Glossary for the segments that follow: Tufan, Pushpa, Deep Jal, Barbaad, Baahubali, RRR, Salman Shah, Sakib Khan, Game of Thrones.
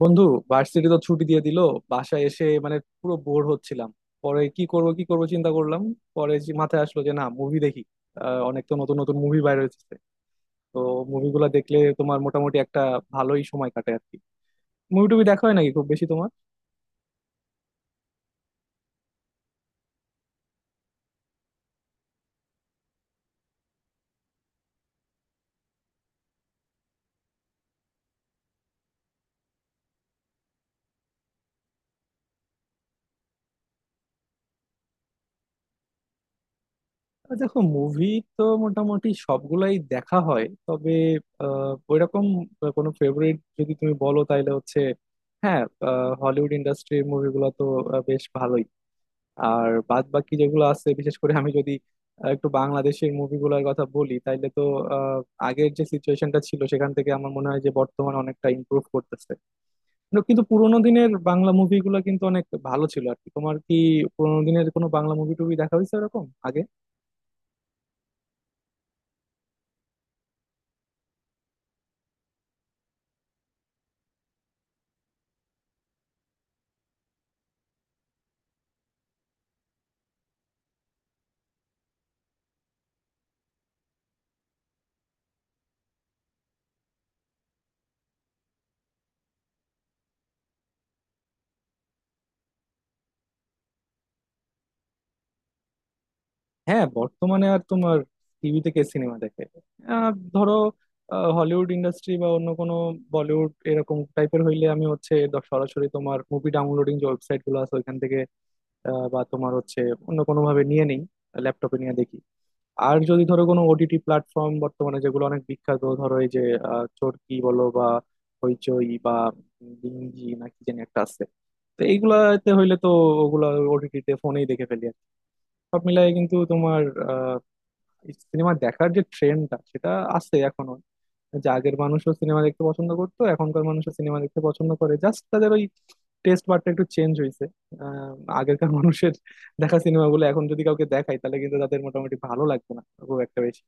বন্ধু, ভার্সিটি তো ছুটি দিয়ে দিল। বাসায় এসে মানে পুরো বোর হচ্ছিলাম। পরে কি করব কি করব চিন্তা করলাম। পরে যে মাথায় আসলো যে না মুভি দেখি। অনেক তো নতুন নতুন মুভি বাইর হয়েছে। তো মুভিগুলা দেখলে তোমার মোটামুটি একটা ভালোই সময় কাটে আর কি। মুভি টুভি দেখা হয় নাকি খুব বেশি তোমার? দেখো মুভি তো মোটামুটি সবগুলাই দেখা হয়, তবে ওইরকম কোনো ফেভারিট যদি তুমি বলো তাহলে হচ্ছে হ্যাঁ, হলিউড ইন্ডাস্ট্রির মুভিগুলো তো বেশ ভালোই। আর বাদ বাকি যেগুলো আছে, বিশেষ করে আমি যদি একটু বাংলাদেশের মুভিগুলোর কথা বলি তাইলে তো আহ, আগের যে সিচুয়েশনটা ছিল সেখান থেকে আমার মনে হয় যে বর্তমান অনেকটা ইমপ্রুভ করতেছে। কিন্তু কিন্তু পুরোনো দিনের বাংলা মুভিগুলো কিন্তু অনেক ভালো ছিল আর কি। তোমার কি পুরোনো দিনের কোনো বাংলা মুভি টুভি দেখা হয়েছে এরকম আগে? হ্যাঁ বর্তমানে আর তোমার টিভিতে কে সিনেমা দেখে। ধরো হলিউড ইন্ডাস্ট্রি বা অন্য কোনো বলিউড এরকম টাইপের হইলে আমি হচ্ছে সরাসরি তোমার মুভি ডাউনলোডিং যে ওয়েবসাইট গুলো আছে ওইখান থেকে বা তোমার হচ্ছে অন্য কোনোভাবে নিয়ে নেই, ল্যাপটপে নিয়ে দেখি। আর যদি ধরো কোনো ওটিটি প্ল্যাটফর্ম বর্তমানে যেগুলো অনেক বিখ্যাত, ধরো এই যে চরকি বলো বা হইচই বা ডিঙ্গি না কি জানি একটা আছে, তো এইগুলাতে হইলে তো ওগুলা ওটিটিতে ফোনেই দেখে ফেলি আর কি। সব মিলাই কিন্তু তোমার সিনেমা দেখার যে ট্রেন্ডটা সেটা আছে এখনো। যে আগের মানুষও সিনেমা দেখতে পছন্দ করতো, এখনকার মানুষও সিনেমা দেখতে পছন্দ করে, জাস্ট তাদের ওই টেস্ট বারটা একটু চেঞ্জ হয়েছে। আহ, আগেরকার মানুষের দেখা সিনেমাগুলো এখন যদি কাউকে দেখাই তাহলে কিন্তু তাদের মোটামুটি ভালো লাগবে না খুব একটা বেশি,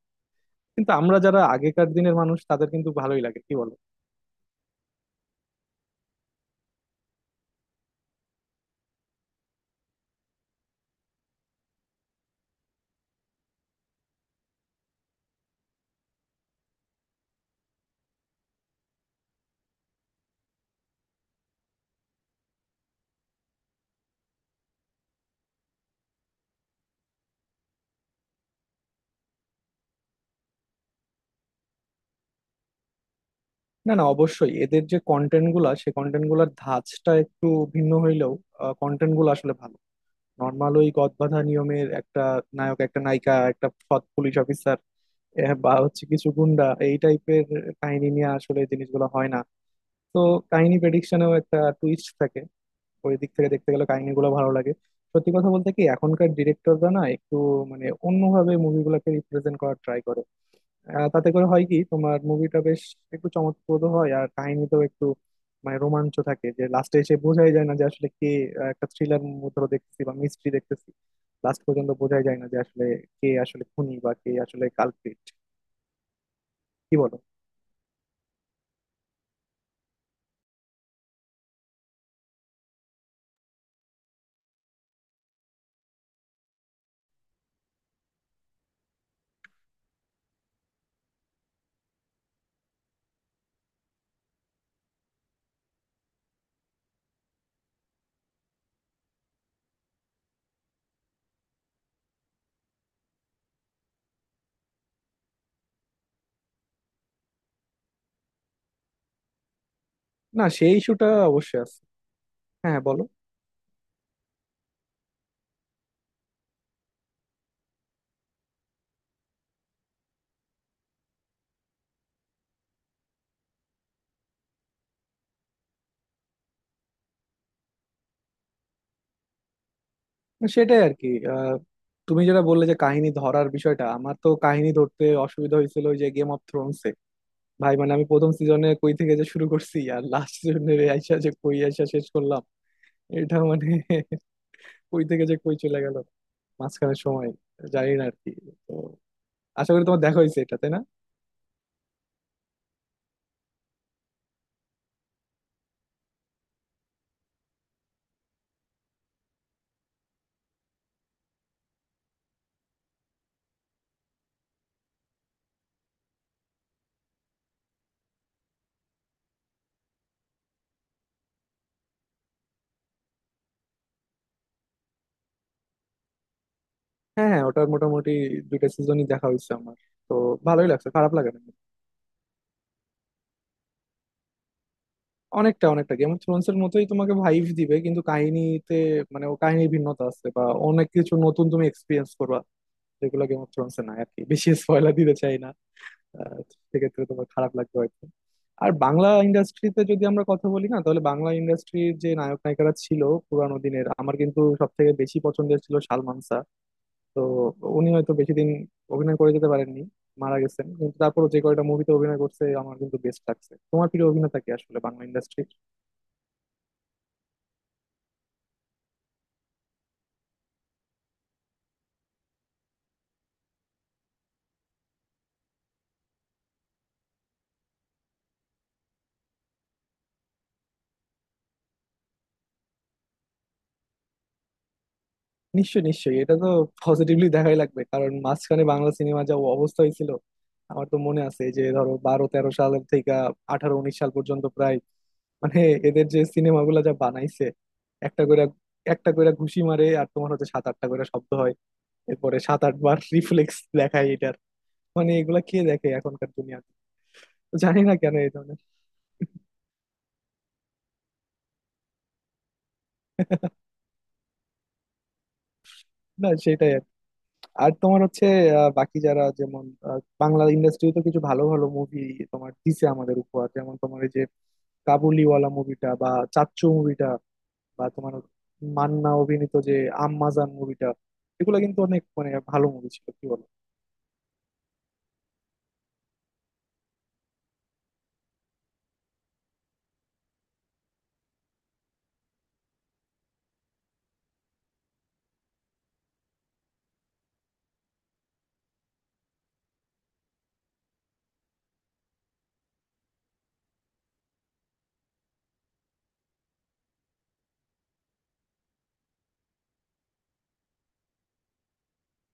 কিন্তু আমরা যারা আগেকার দিনের মানুষ তাদের কিন্তু ভালোই লাগে, কি বলো? না না, অবশ্যই এদের যে কন্টেন্ট গুলা সে কন্টেন্ট গুলার ধাঁচটা একটু ভিন্ন হইলেও কন্টেন্ট গুলো আসলে ভালো। নর্মাল ওই গদবাঁধা নিয়মের একটা নায়ক, একটা নায়িকা, একটা সৎ পুলিশ অফিসার বা হচ্ছে কিছু গুন্ডা, এই টাইপের কাহিনী নিয়ে আসলে জিনিসগুলো হয় না। তো কাহিনী প্রেডিকশনেও একটা টুইস্ট থাকে। ওই দিক থেকে দেখতে গেলে কাহিনীগুলো ভালো লাগে। সত্যি কথা বলতে কি, এখনকার ডিরেক্টররা না একটু মানে অন্যভাবে মুভিগুলোকে রিপ্রেজেন্ট করার ট্রাই করে। তাতে করে হয় কি তোমার মুভিটা বেশ একটু চমকপ্রদ হয়, আর কাহিনীতেও একটু মানে রোমাঞ্চ থাকে যে লাস্টে এসে বোঝাই যায় না যে আসলে কে। একটা থ্রিলার ধরো দেখতেছি বা মিস্ট্রি দেখতেছি, লাস্ট পর্যন্ত বোঝাই যায় না যে আসলে কে আসলে খুনি বা কে আসলে কালপ্রিট। কি বলো? না সেই ইস্যুটা অবশ্যই আছে। হ্যাঁ বলো। না, সেটাই আর কি। তুমি যেটা বললে যে কাহিনী ধরার বিষয়টা, আমার তো কাহিনী ধরতে অসুবিধা হয়েছিল ওই যে গেম অফ থ্রোনসে। ভাই মানে আমি প্রথম সিজনে কই থেকে যে শুরু করছি আর লাস্ট সিজনে আইসা যে কই আইসা শেষ করলাম। এটা মানে কই থেকে যে কই চলে গেল মাঝখানে সময় জানি না আর কি। তো আশা করি তোমার দেখা হয়েছে এটা, তাই না? হ্যাঁ হ্যাঁ, ওটার মোটামুটি 2টা সিজনই দেখা হয়েছে আমার। তো ভালোই লাগছে, খারাপ লাগে না। অনেকটা অনেকটা গেম অফ থ্রোনস এর মতোই তোমাকে ভাইব দিবে, কিন্তু কাহিনীতে মানে ও কাহিনীর ভিন্নতা আছে বা অনেক কিছু নতুন তুমি এক্সপিরিয়েন্স করবা যেগুলো গেম অফ থ্রোনস এ নাই আর কি। বেশি স্পয়লার দিতে চাই না। আহ, সেক্ষেত্রে তোমার খারাপ লাগবে হয়তো। আর বাংলা ইন্ডাস্ট্রিতে যদি আমরা কথা বলি না তাহলে বাংলা ইন্ডাস্ট্রির যে নায়ক নায়িকারা ছিল পুরানো দিনের, আমার কিন্তু সব থেকে বেশি পছন্দের ছিল সালমান শাহ। তো উনি হয়তো বেশি দিন অভিনয় করে যেতে পারেননি, মারা গেছেন, কিন্তু তারপরও যে কয়টা মুভিতে অভিনয় করছে আমার কিন্তু বেস্ট লাগছে। তোমার প্রিয় অভিনেতা কি আসলে বাংলা ইন্ডাস্ট্রি? নিশ্চয়ই নিশ্চয়ই, এটা তো পজিটিভলি দেখাই লাগবে, কারণ মাঝখানে বাংলা সিনেমা যা অবস্থা হয়েছিল। আমার তো মনে আছে যে ধরো 12-13 সাল থেকে 18-19 সাল পর্যন্ত প্রায় মানে এদের যে সিনেমাগুলো যা বানাইছে, একটা করে একটা করে ঘুষি মারে আর তোমার হচ্ছে 7-8টা করে শব্দ হয়, এরপরে 7-8 বার রিফ্লেক্স দেখায় এটার। মানে এগুলা কে দেখে এখনকার দুনিয়াতে? তো জানি না কেন এই ধরনের না সেটাই আর কি। আর তোমার হচ্ছে বাকি যারা যেমন বাংলা ইন্ডাস্ট্রি তো কিছু ভালো ভালো মুভি তোমার দিছে আমাদের উপহার, যেমন তোমার এই যে কাবুলিওয়ালা মুভিটা বা চাচ্চু মুভিটা বা তোমার মান্না অভিনীত যে আম্মাজান মুভিটা, এগুলো কিন্তু অনেক মানে ভালো মুভি ছিল, কি বলো?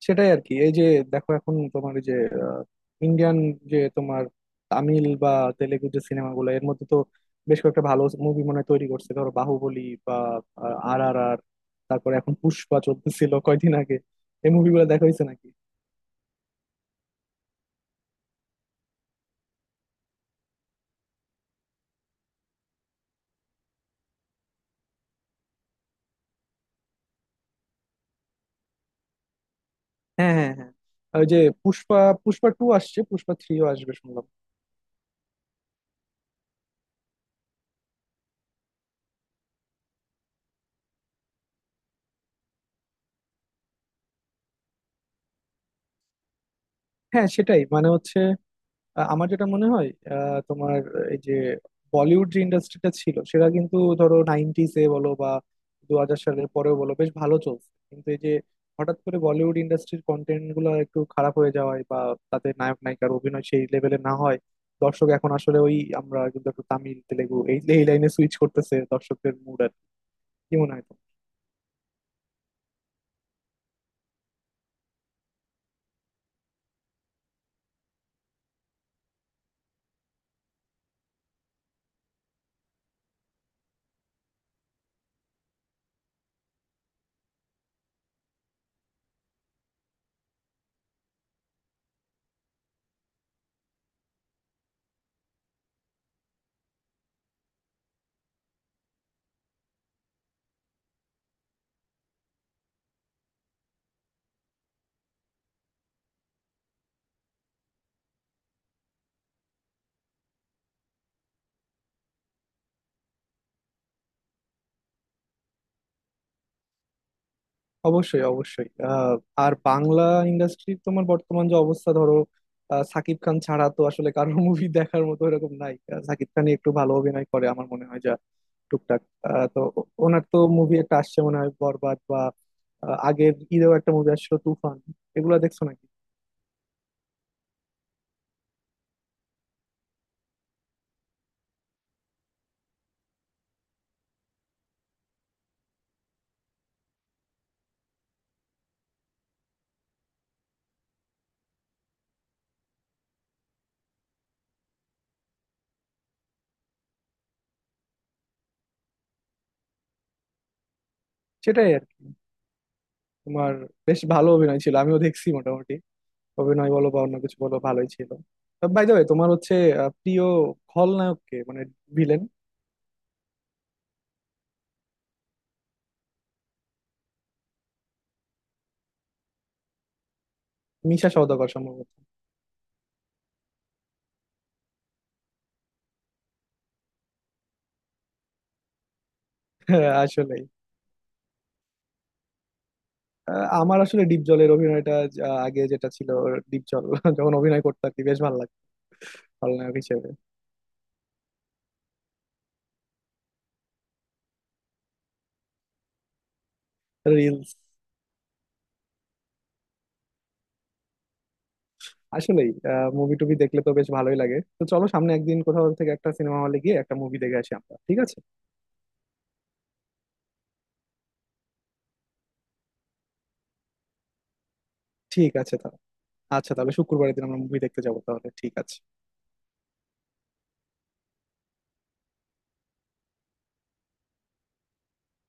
সেটাই আর কি। এই যে দেখো এখন তোমার এই যে ইন্ডিয়ান যে তোমার তামিল বা তেলেগু যে সিনেমাগুলো এর মধ্যে তো বেশ কয়েকটা ভালো মুভি মনে হয় তৈরি করছে, ধরো বাহুবলী বা আর আর আর তারপরে এখন পুষ্পা চলতেছিল কয়দিন আগে। এই মুভিগুলো দেখা হয়েছে নাকি? হ্যাঁ হ্যাঁ হ্যাঁ, ওই যে পুষ্পা, পুষ্পা টু আসছে, পুষ্পা থ্রিও আসবে শুনলাম। হ্যাঁ সেটাই মানে হচ্ছে আমার যেটা মনে হয় তোমার এই যে বলিউড যে ইন্ডাস্ট্রিটা ছিল সেটা কিন্তু ধরো নাইনটিস এ বলো বা 2000 সালের পরেও বলো বেশ ভালো চলছে, কিন্তু এই যে হঠাৎ করে বলিউড ইন্ডাস্ট্রির কন্টেন্ট গুলো একটু খারাপ হয়ে যাওয়ায় বা তাদের নায়ক নায়িকার অভিনয় সেই লেভেলে না হয়, দর্শক এখন আসলে ওই আমরা কিন্তু একটু তামিল তেলেগু এই এই লাইনে সুইচ করতেছে দর্শকদের মুড। আর কি মনে হয় তোমার? অবশ্যই অবশ্যই। আর বাংলা ইন্ডাস্ট্রির তোমার বর্তমান যে অবস্থা ধরো সাকিব খান ছাড়া তো আসলে কারোর মুভি দেখার মতো এরকম নাই। সাকিব খানই একটু ভালো অভিনয় করে আমার মনে হয় যা টুকটাক। তো ওনার তো মুভি একটা আসছে মনে হয় বরবাদ বা আগের ঈদেও একটা মুভি আসছিল তুফান, এগুলো দেখছো নাকি? সেটাই আর কি। তোমার বেশ ভালো অভিনয় ছিল, আমিও দেখছি মোটামুটি। অভিনয় বলো বা অন্য কিছু বলো ভালোই ছিল। বাই দ্য ওয়ে তোমার হচ্ছে প্রিয় খলনায়ক কে মানে ভিলেন? মিশা সওদাগর সম্ভবত। হ্যাঁ, আসলেই। আমার আসলে ডিপ জলের অভিনয়টা যা আগে যেটা ছিল, ডিপ জল যখন অভিনয় করতো আর কি বেশ ভালো লাগতো খলনায়ক হিসেবে। রিলস। আসলেই মুভি টুভি দেখলে তো বেশ ভালোই লাগে। তো চলো সামনে একদিন কোথাও থেকে একটা সিনেমা হলে গিয়ে একটা মুভি দেখে আসি আমরা, ঠিক আছে? ঠিক আছে তাহলে। আচ্ছা তাহলে শুক্রবারের দিন আমরা মুভি দেখতে যাবো তাহলে, ঠিক আছে?